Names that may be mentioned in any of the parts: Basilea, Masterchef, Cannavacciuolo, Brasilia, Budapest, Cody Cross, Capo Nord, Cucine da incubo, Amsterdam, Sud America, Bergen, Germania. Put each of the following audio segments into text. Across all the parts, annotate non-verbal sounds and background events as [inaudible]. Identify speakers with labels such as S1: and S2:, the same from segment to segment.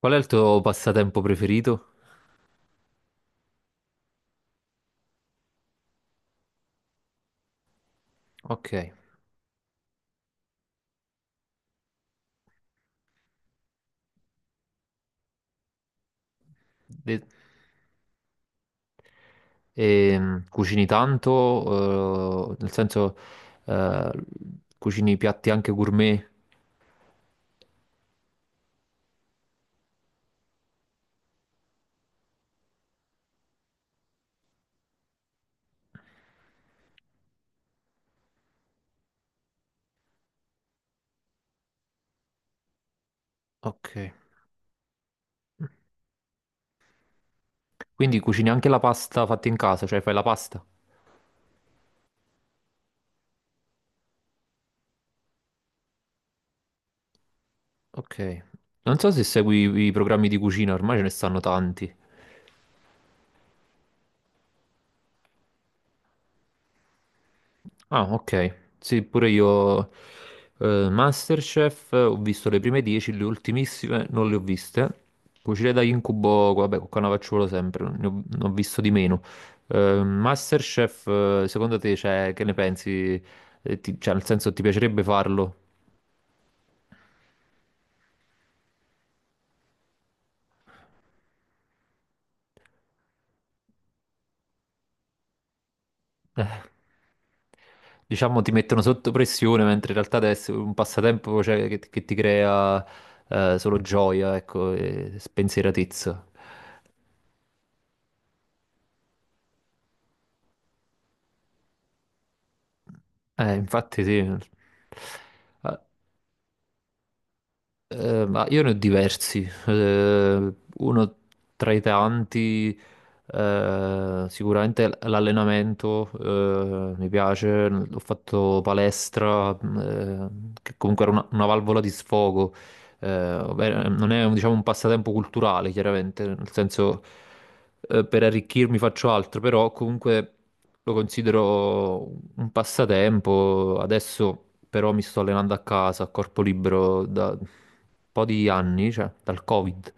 S1: Qual è il tuo passatempo preferito? Ok. De- Cucini tanto, nel senso, eh, cucini piatti anche gourmet. Ok. Quindi cucini anche la pasta fatta in casa, cioè fai la pasta. Ok. Non so se segui i programmi di cucina, ormai ce ne stanno tanti. Ah, ok. Sì, pure io Masterchef, ho visto le prime 10, le ultimissime non le ho viste. Cucine da incubo, vabbè, con Cannavacciuolo sempre, ne ho visto di meno. Masterchef, secondo te, cioè, che ne pensi? Cioè, nel senso, ti piacerebbe farlo? Diciamo, ti mettono sotto pressione, mentre in realtà adesso è un passatempo, cioè, che ti crea solo gioia, ecco, e spensieratezza. Infatti sì. Eh, ma io ne ho diversi. Uno tra i tanti, sicuramente l'allenamento, mi piace. Ho fatto palestra, che comunque era una valvola di sfogo, ovvero, non è un diciamo, un passatempo culturale, chiaramente, nel senso, per arricchirmi faccio altro, però comunque lo considero un passatempo. Adesso però mi sto allenando a casa, a corpo libero, da un po' di anni, cioè dal Covid,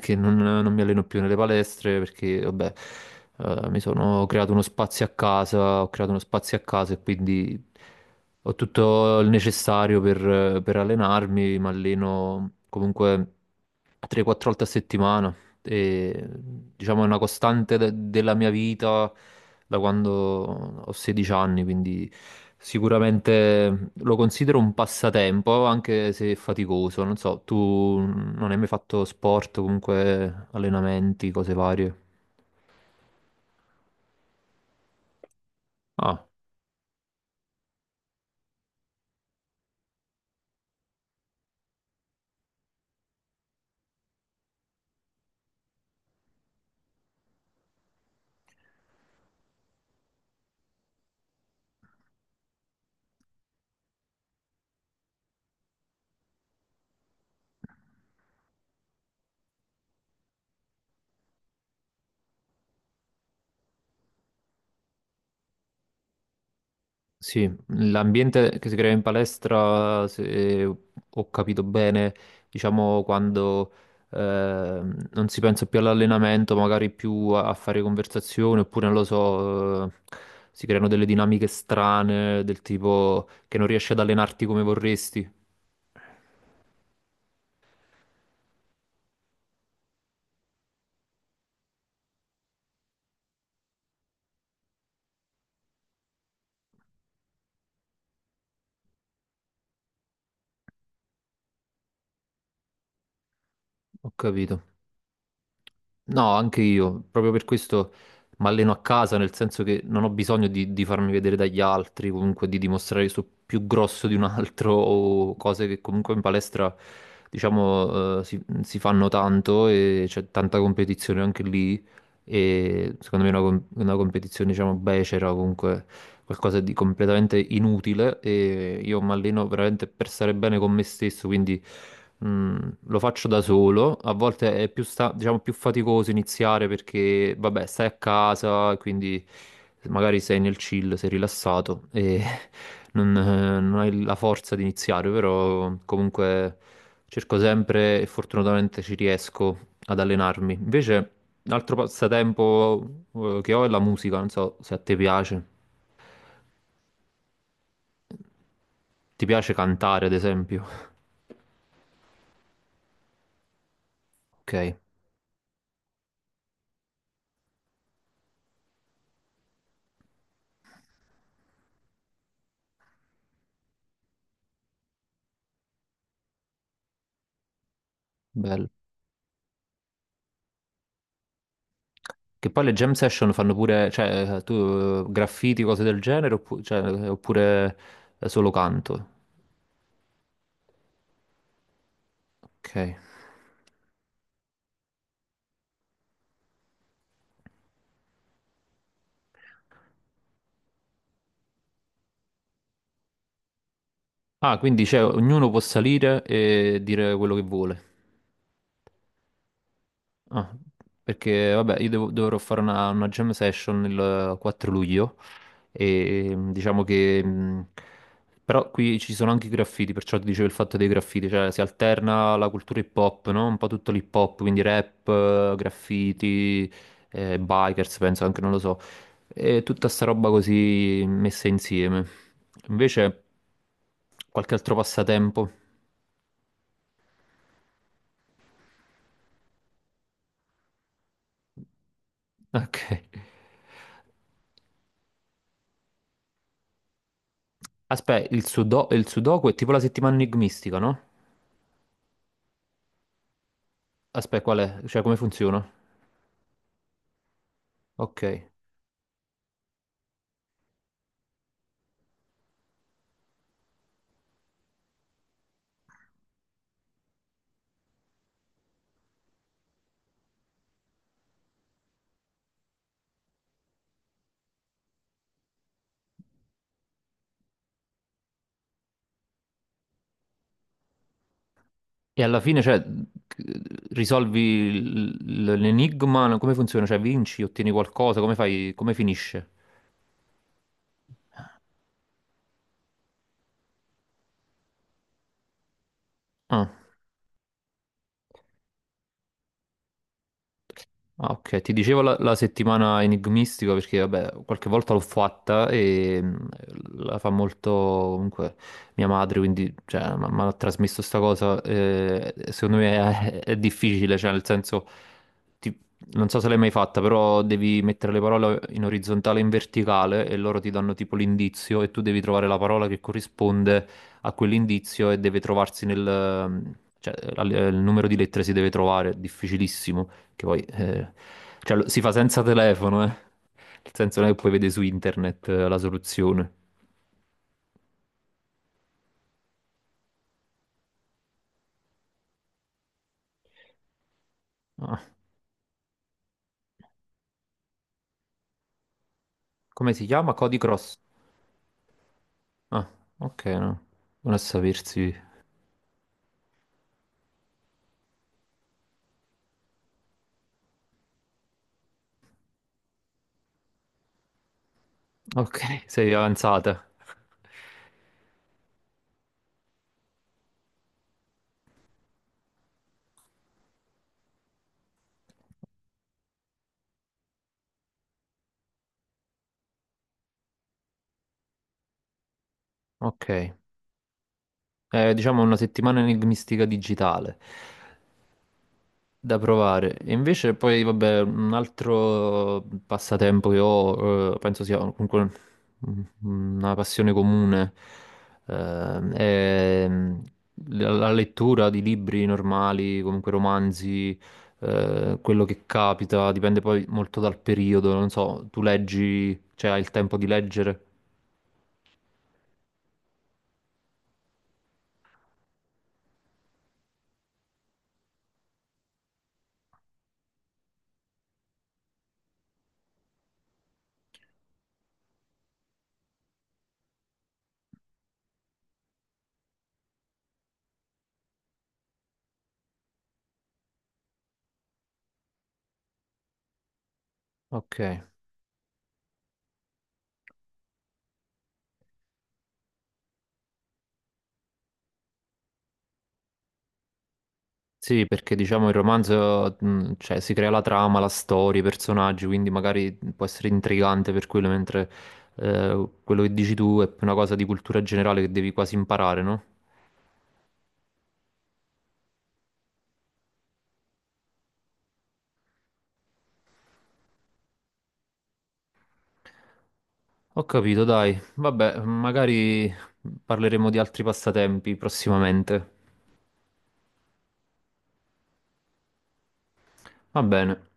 S1: [laughs] che non, non mi alleno più nelle palestre perché, vabbè, mi sono creato uno spazio a casa, ho creato uno spazio a casa e quindi... Ho tutto il necessario per allenarmi, mi alleno comunque 3-4 volte a settimana e diciamo è una costante della mia vita da quando ho 16 anni, quindi sicuramente lo considero un passatempo, anche se faticoso. Non so, tu non hai mai fatto sport, comunque allenamenti, cose varie? Ah, sì, l'ambiente che si crea in palestra, se ho capito bene, diciamo quando non si pensa più all'allenamento, magari più a fare conversazione, oppure non lo so, si creano delle dinamiche strane del tipo che non riesci ad allenarti come vorresti. Ho capito. No, anche io, proprio per questo mi alleno a casa, nel senso che non ho bisogno di farmi vedere dagli altri, comunque di dimostrare che sono più grosso di un altro o cose che comunque in palestra, diciamo, si fanno tanto e c'è tanta competizione anche lì e secondo me è una competizione, diciamo, becera, comunque qualcosa di completamente inutile e io mi alleno veramente per stare bene con me stesso, quindi lo faccio da solo. A volte è diciamo, più faticoso iniziare perché, vabbè, stai a casa, quindi magari sei nel chill, sei rilassato e [laughs] non hai la forza di iniziare, però comunque cerco sempre e fortunatamente ci riesco ad allenarmi. Invece. Un altro passatempo, che ho è la musica, non so se a te piace. Ti piace cantare, ad esempio? Ok, bello. Che poi le jam session fanno pure, cioè, tu, graffiti, cose del genere, cioè, oppure, solo canto. Ok. Ah, quindi cioè, ognuno può salire e dire quello che vuole. Ah, perché vabbè, io dovrò fare una jam session il, 4 luglio e mm, diciamo che... Però qui ci sono anche i graffiti, perciò ti dicevo il fatto dei graffiti, cioè si alterna la cultura hip hop, no? Un po' tutto l'hip hop, quindi rap, graffiti, bikers, penso anche, non lo so. E tutta sta roba così messa insieme. Invece, qualche altro passatempo. [laughs] Ok. Aspetta, il il sudoku è tipo la settimana enigmistica, no? Aspetta, qual è? Cioè, come funziona? Ok. E alla fine, cioè, risolvi l'enigma? Come funziona? Cioè, vinci, ottieni qualcosa? Come fai? Come finisce? Ah. Ah, ok, ti dicevo la settimana enigmistica perché vabbè, qualche volta l'ho fatta e la fa molto comunque mia madre, quindi cioè, mi ha trasmesso sta cosa, secondo me è difficile, cioè nel senso, ti- non so se l'hai mai fatta, però devi mettere le parole in orizzontale e in verticale e loro ti danno tipo l'indizio e tu devi trovare la parola che corrisponde a quell'indizio e deve trovarsi nel... il numero di lettere si deve trovare, è difficilissimo. Che poi cioè, si fa senza telefono, eh. Nel senso non è che poi vede su internet, la soluzione. Ah, come si chiama? Cody Cross. Ah, ok, no. Non a sapersi. Ok, sei avanzata. Ok. Diciamo una settimana enigmistica digitale. Da provare. E invece poi, vabbè, un altro passatempo che ho, penso sia comunque una passione comune, è la lettura di libri normali, comunque romanzi, quello che capita, dipende poi molto dal periodo, non so, tu leggi, cioè hai il tempo di leggere? Ok. Sì, perché diciamo il romanzo, cioè, si crea la trama, la storia, i personaggi, quindi magari mhmm, può essere intrigante per quello, mentre quello che dici tu è una cosa di cultura generale che devi quasi imparare, no? Ho capito, dai. Vabbè, magari mhmm, parleremo di altri passatempi prossimamente. Va bene.